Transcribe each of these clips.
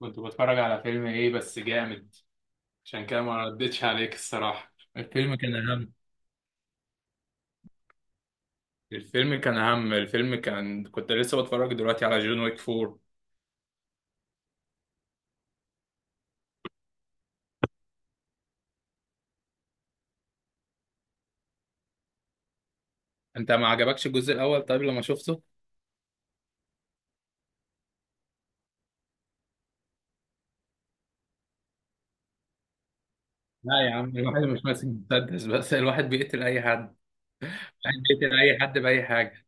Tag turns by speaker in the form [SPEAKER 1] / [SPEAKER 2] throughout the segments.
[SPEAKER 1] كنت بتفرج على فيلم ايه بس جامد. عشان كده ما ردتش عليك الصراحة. الفيلم كان كنت لسه بتفرج دلوقتي على جون ويك فور. أنت ما عجبكش الجزء الأول طيب لما شفته؟ لا يا عم الواحد مش ماسك مسدس بس، الواحد بيقتل أي حد، الواحد بيقتل أي حد بأي حاجة.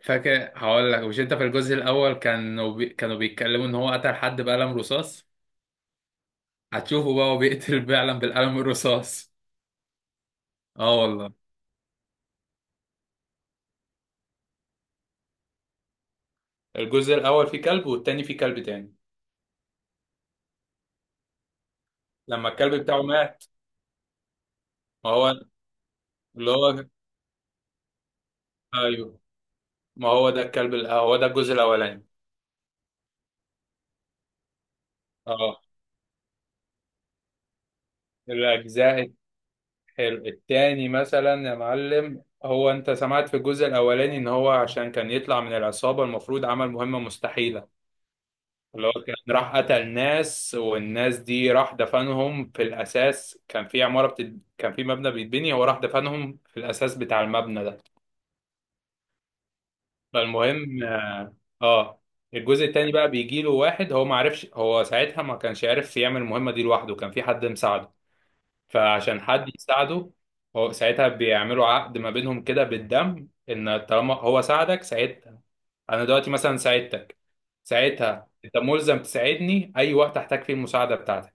[SPEAKER 1] فاكر هقول لك، مش أنت في الجزء الأول كانوا بيتكلموا إن هو قتل حد بقلم رصاص؟ هتشوفه بقى هو بيقتل فعلا بالقلم الرصاص. اه والله. الجزء الأول فيه كلب والتاني فيه كلب تاني لما الكلب بتاعه مات. ما هو اللي هو، ايوه، ما هو ده الكلب هو ده الجزء الاولاني. اه. الاجزاء، حلو التاني مثلا يا معلم، هو انت سمعت في الجزء الاولاني ان هو عشان كان يطلع من العصابه المفروض عمل مهمه مستحيله؟ اللي هو كان راح قتل ناس والناس دي راح دفنهم في الاساس. كان في مبنى بيتبني، هو راح دفنهم في الاساس بتاع المبنى ده. فالمهم، اه، الجزء التاني بقى بيجي له واحد. هو ما عرفش، هو ساعتها ما كانش عارف يعمل المهمة دي لوحده، كان في حد مساعده. فعشان حد يساعده هو ساعتها بيعملوا عقد ما بينهم كده بالدم، ان طالما هو ساعدك ساعتها. انا دلوقتي مثلا ساعدتك، ساعتها انت ملزم تساعدني اي وقت احتاج فيه المساعدة بتاعتك.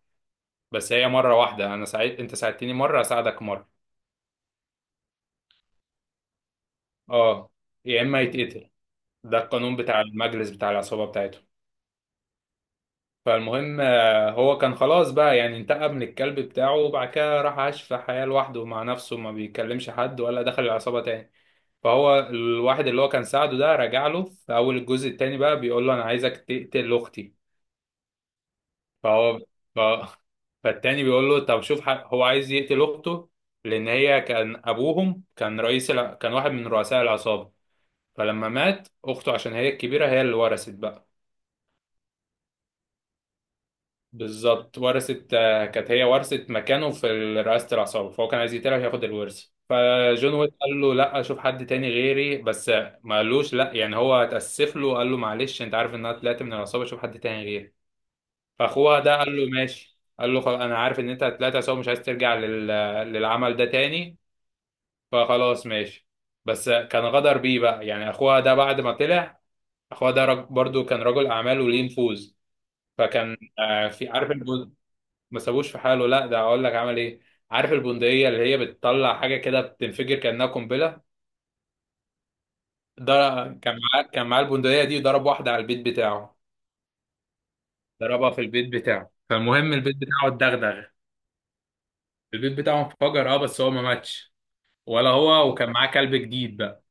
[SPEAKER 1] بس هي مرة واحدة، انا ساعد انت ساعدتني مرة اساعدك مرة. اه. يا اما يتقتل. ده القانون بتاع المجلس بتاع العصابة بتاعته. فالمهم، هو كان خلاص بقى يعني انتقم من الكلب بتاعه، وبعد كده راح عاش في حياة لوحده مع نفسه، ما بيكلمش حد ولا دخل العصابة تاني. فهو الواحد اللي هو كان ساعده ده رجع له في أول الجزء التاني بقى بيقول له أنا عايزك تقتل أختي. فهو ف... فالتاني بيقول له طب هو عايز يقتل أخته، لأن هي كان أبوهم كان كان واحد من رؤساء العصابة، فلما مات أخته عشان هي الكبيرة هي اللي ورثت بقى. بالظبط، ورثت، كانت هي ورثت مكانه في رئاسة العصابة، فهو كان عايز يقتلها ياخد الورث. فجون ويك قال له لا، شوف حد تاني غيري بس. ما قالوش لا يعني، هو اتأسف له، قال له معلش انت عارف ان انا طلعت من العصابة، شوف حد تاني غيري. فاخوها ده قال له ماشي، قال له خلاص انا عارف ان انت طلعت عصابة مش عايز ترجع للعمل ده تاني، فخلاص ماشي. بس كان غدر بيه بقى يعني اخوها ده بعد ما طلع. اخوها ده برضو كان رجل اعمال وليه نفوذ. فكان، في، عارف. ما سابوش في حاله؟ لا، ده اقول لك عمل ايه. عارف البندقيه اللي هي بتطلع حاجه كده بتنفجر كانها قنبله؟ ده كان معاه البندقيه دي، ضرب واحده على البيت بتاعه. ضربها في البيت بتاعه، فالمهم البيت بتاعه اتدغدغ. البيت بتاعه انفجر، اه، بس هو ما ماتش ولا هو، وكان معاه كلب جديد بقى.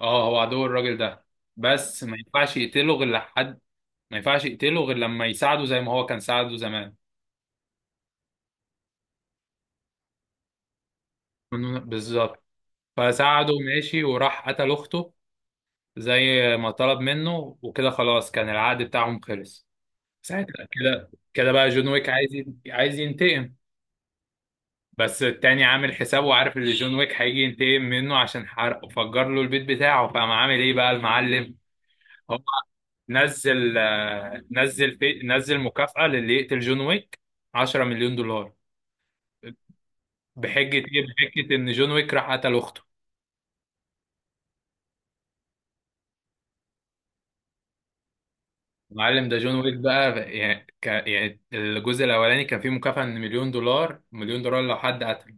[SPEAKER 1] اه هو عدو الراجل ده، بس ما ينفعش يقتله غير لحد، ما ينفعش يقتله غير لما يساعده زي ما هو كان ساعده زمان. بالظبط. فساعده ماشي وراح قتل اخته زي ما طلب منه، وكده خلاص كان العقد بتاعهم خلص. ساعتها كده كده بقى جون ويك عايز ينتقم. بس التاني عامل حسابه وعارف ان جون ويك هيجي ينتقم منه عشان حرق وفجر له البيت بتاعه، فقام عامل ايه بقى المعلم؟ هو نزل آه، نزل في نزل مكافأة للي يقتل جون ويك، 10 مليون دولار. بحجة ايه؟ بحجة ان جون ويك راح قتل اخته. معلم ده جون ويك بقى يعني الجزء الاولاني كان فيه مكافأة من مليون دولار، مليون دولار لو حد قتل.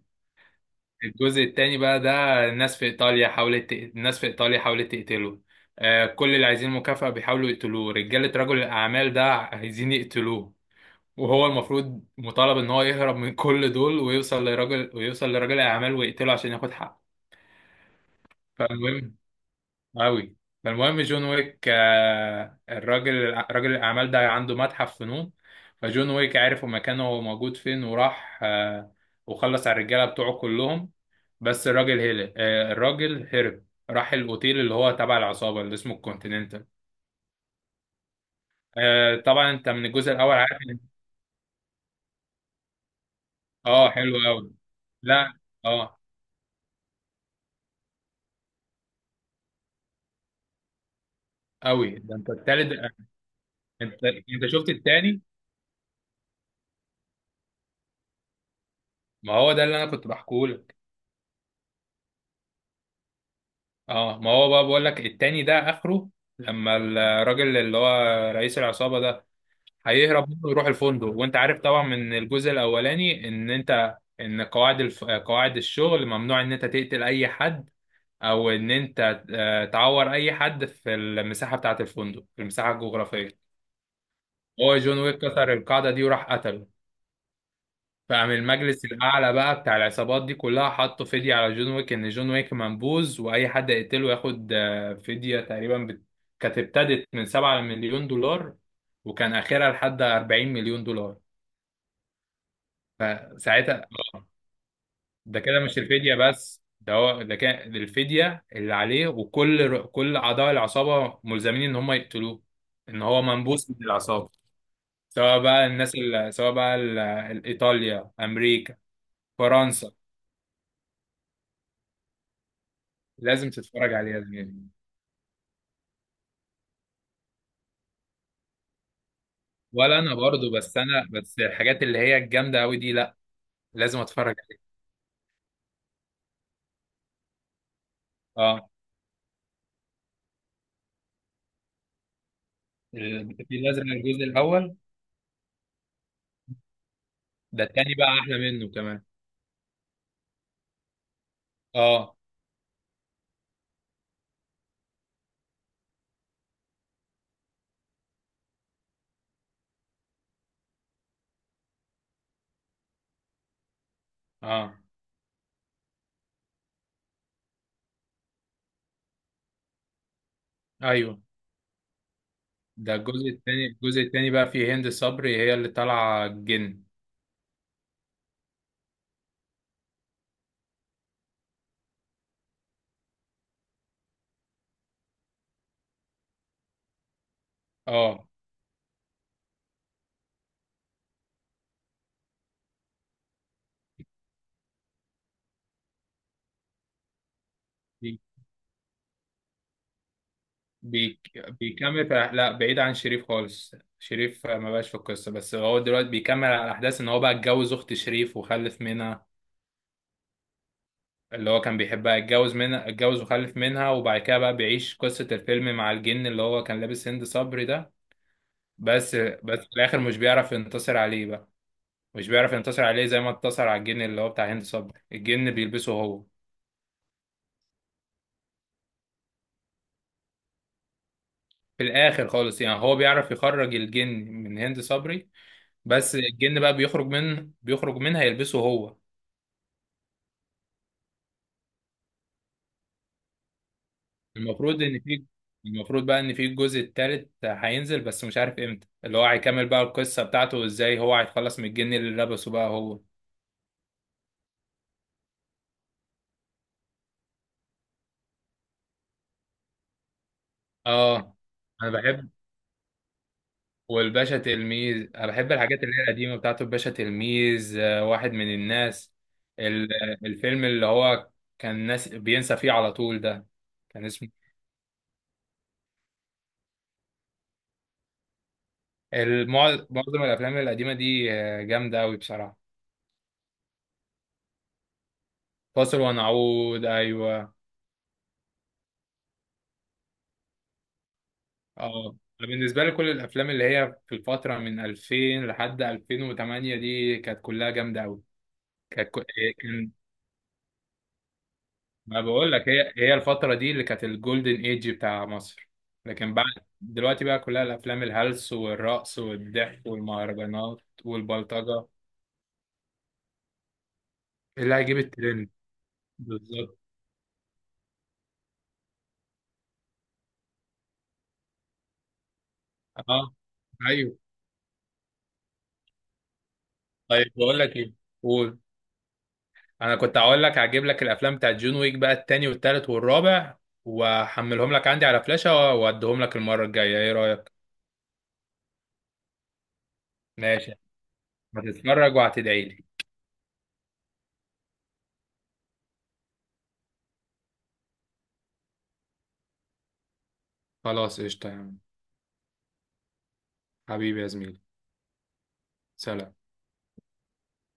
[SPEAKER 1] الجزء التاني بقى ده الناس في ايطاليا حاولت تقتله. آه، كل اللي عايزين مكافأة بيحاولوا يقتلوه، رجالة رجل الاعمال ده عايزين يقتلوه. وهو المفروض مطالب ان هو يهرب من كل دول ويوصل لرجل الاعمال ويقتله عشان ياخد حقه. فالمهم أوي. فالمهم جون ويك، راجل الأعمال ده عنده متحف فنون، فجون ويك عرف مكانه موجود فين وراح، وخلص على الرجالة بتوعه كلهم، بس الراجل هرب. راح الأوتيل اللي هو تبع العصابة، اللي اسمه الكونتيننتال. طبعا أنت من الجزء الأول عارف إن. اه حلو أوي. لا. اه أوي. ده أنت التالت، أنت شفت التاني؟ ما هو ده اللي أنا كنت بحكيه. اه. ما هو بقى بقول لك التاني ده اخره لما الراجل اللي هو رئيس العصابة ده هيهرب منه ويروح الفندق. وانت عارف طبعا من الجزء الاولاني ان انت ان قواعد الشغل ممنوع ان انت تقتل اي حد، او ان انت تعور اي حد في المساحة بتاعة الفندق، في المساحة الجغرافية. هو جون ويك كسر القاعدة دي وراح قتله. فقام المجلس الأعلى بقى بتاع العصابات دي كلها حطوا فدية على جون ويك إن جون ويك منبوذ وأي حد يقتله ياخد، فدية تقريبا كانت ابتدت من 7 مليون دولار، وكان آخرها لحد 40 مليون دولار. فساعتها، آه، ده كده مش الفدية بس، ده هو ده كان الفدية اللي عليه، وكل كل أعضاء العصابة ملزمين إن هم يقتلوه، إن هو منبوذ من العصابة. سواء بقى الناس ال- سواء بقى ال- إيطاليا، أمريكا، فرنسا، لازم تتفرج عليها زميلي. ولا انا برضو، بس الحاجات اللي هي الجامده قوي دي لا، لازم اتفرج عليها. اه. الفيل الازرق الجزء الاول؟ ده التاني بقى احلى منه كمان. اه. اه. ايوه. ده الجزء التاني، بقى فيه هند صبري هي اللي طالعه الجن. اه. بي- بي- بيكمل في، لا، بعيد عن شريف خالص. شريف ما بقاش في القصه، بس هو دلوقتي بيكمل على احداث ان هو بقى اتجوز اخت شريف وخلف منها، اللي هو كان بيحبها، اتجوز منها، وخلف منها، وبعد كده بقى بيعيش قصة الفيلم مع الجن اللي هو كان لابس هند صبري ده. بس في الآخر مش بيعرف ينتصر عليه بقى، مش بيعرف ينتصر عليه زي ما انتصر على الجن اللي هو بتاع هند صبري. الجن بيلبسه هو في الآخر خالص. يعني هو بيعرف يخرج الجن من هند صبري، بس الجن بقى بيخرج منها يلبسه هو. المفروض إن في، المفروض بقى ان في الجزء التالت هينزل، بس مش عارف امتى اللي هو هيكمل بقى القصة بتاعته وازاي هو هيتخلص من الجن اللي لبسه بقى هو. اه. انا بحب والباشا تلميذ. انا بحب الحاجات اللي هي القديمه بتاعته. الباشا تلميذ، واحد من الناس، ال- الفيلم اللي هو كان ناس بينسى فيه على طول ده، كان اسمه معظم الافلام القديمه دي جامده قوي بصراحه. فاصل ونعود، ايوه. اه، بالنسبه لي كل الافلام اللي هي في الفتره من 2000 لحد 2008 دي كانت كلها جامده قوي. كانت ما بقول لك، هي الفترة دي اللي كانت الجولدن ايج بتاع مصر. لكن بعد دلوقتي بقى كلها الافلام الهلس والرقص والضحك والمهرجانات والبلطجة، اللي هيجيب الترند. بالظبط. اه. ايوه. طيب بقول لك ايه؟ قول. انا كنت هقول لك هجيب لك الافلام بتاعت جون ويك بقى، التاني والتالت والرابع، واحملهم لك عندي على فلاشة واديهم لك المرة الجاية، ايه رأيك؟ ماشي. هتتفرج وهتدعي لي. خلاص قشطة يا عم. حبيبي يا زميلي. سلام.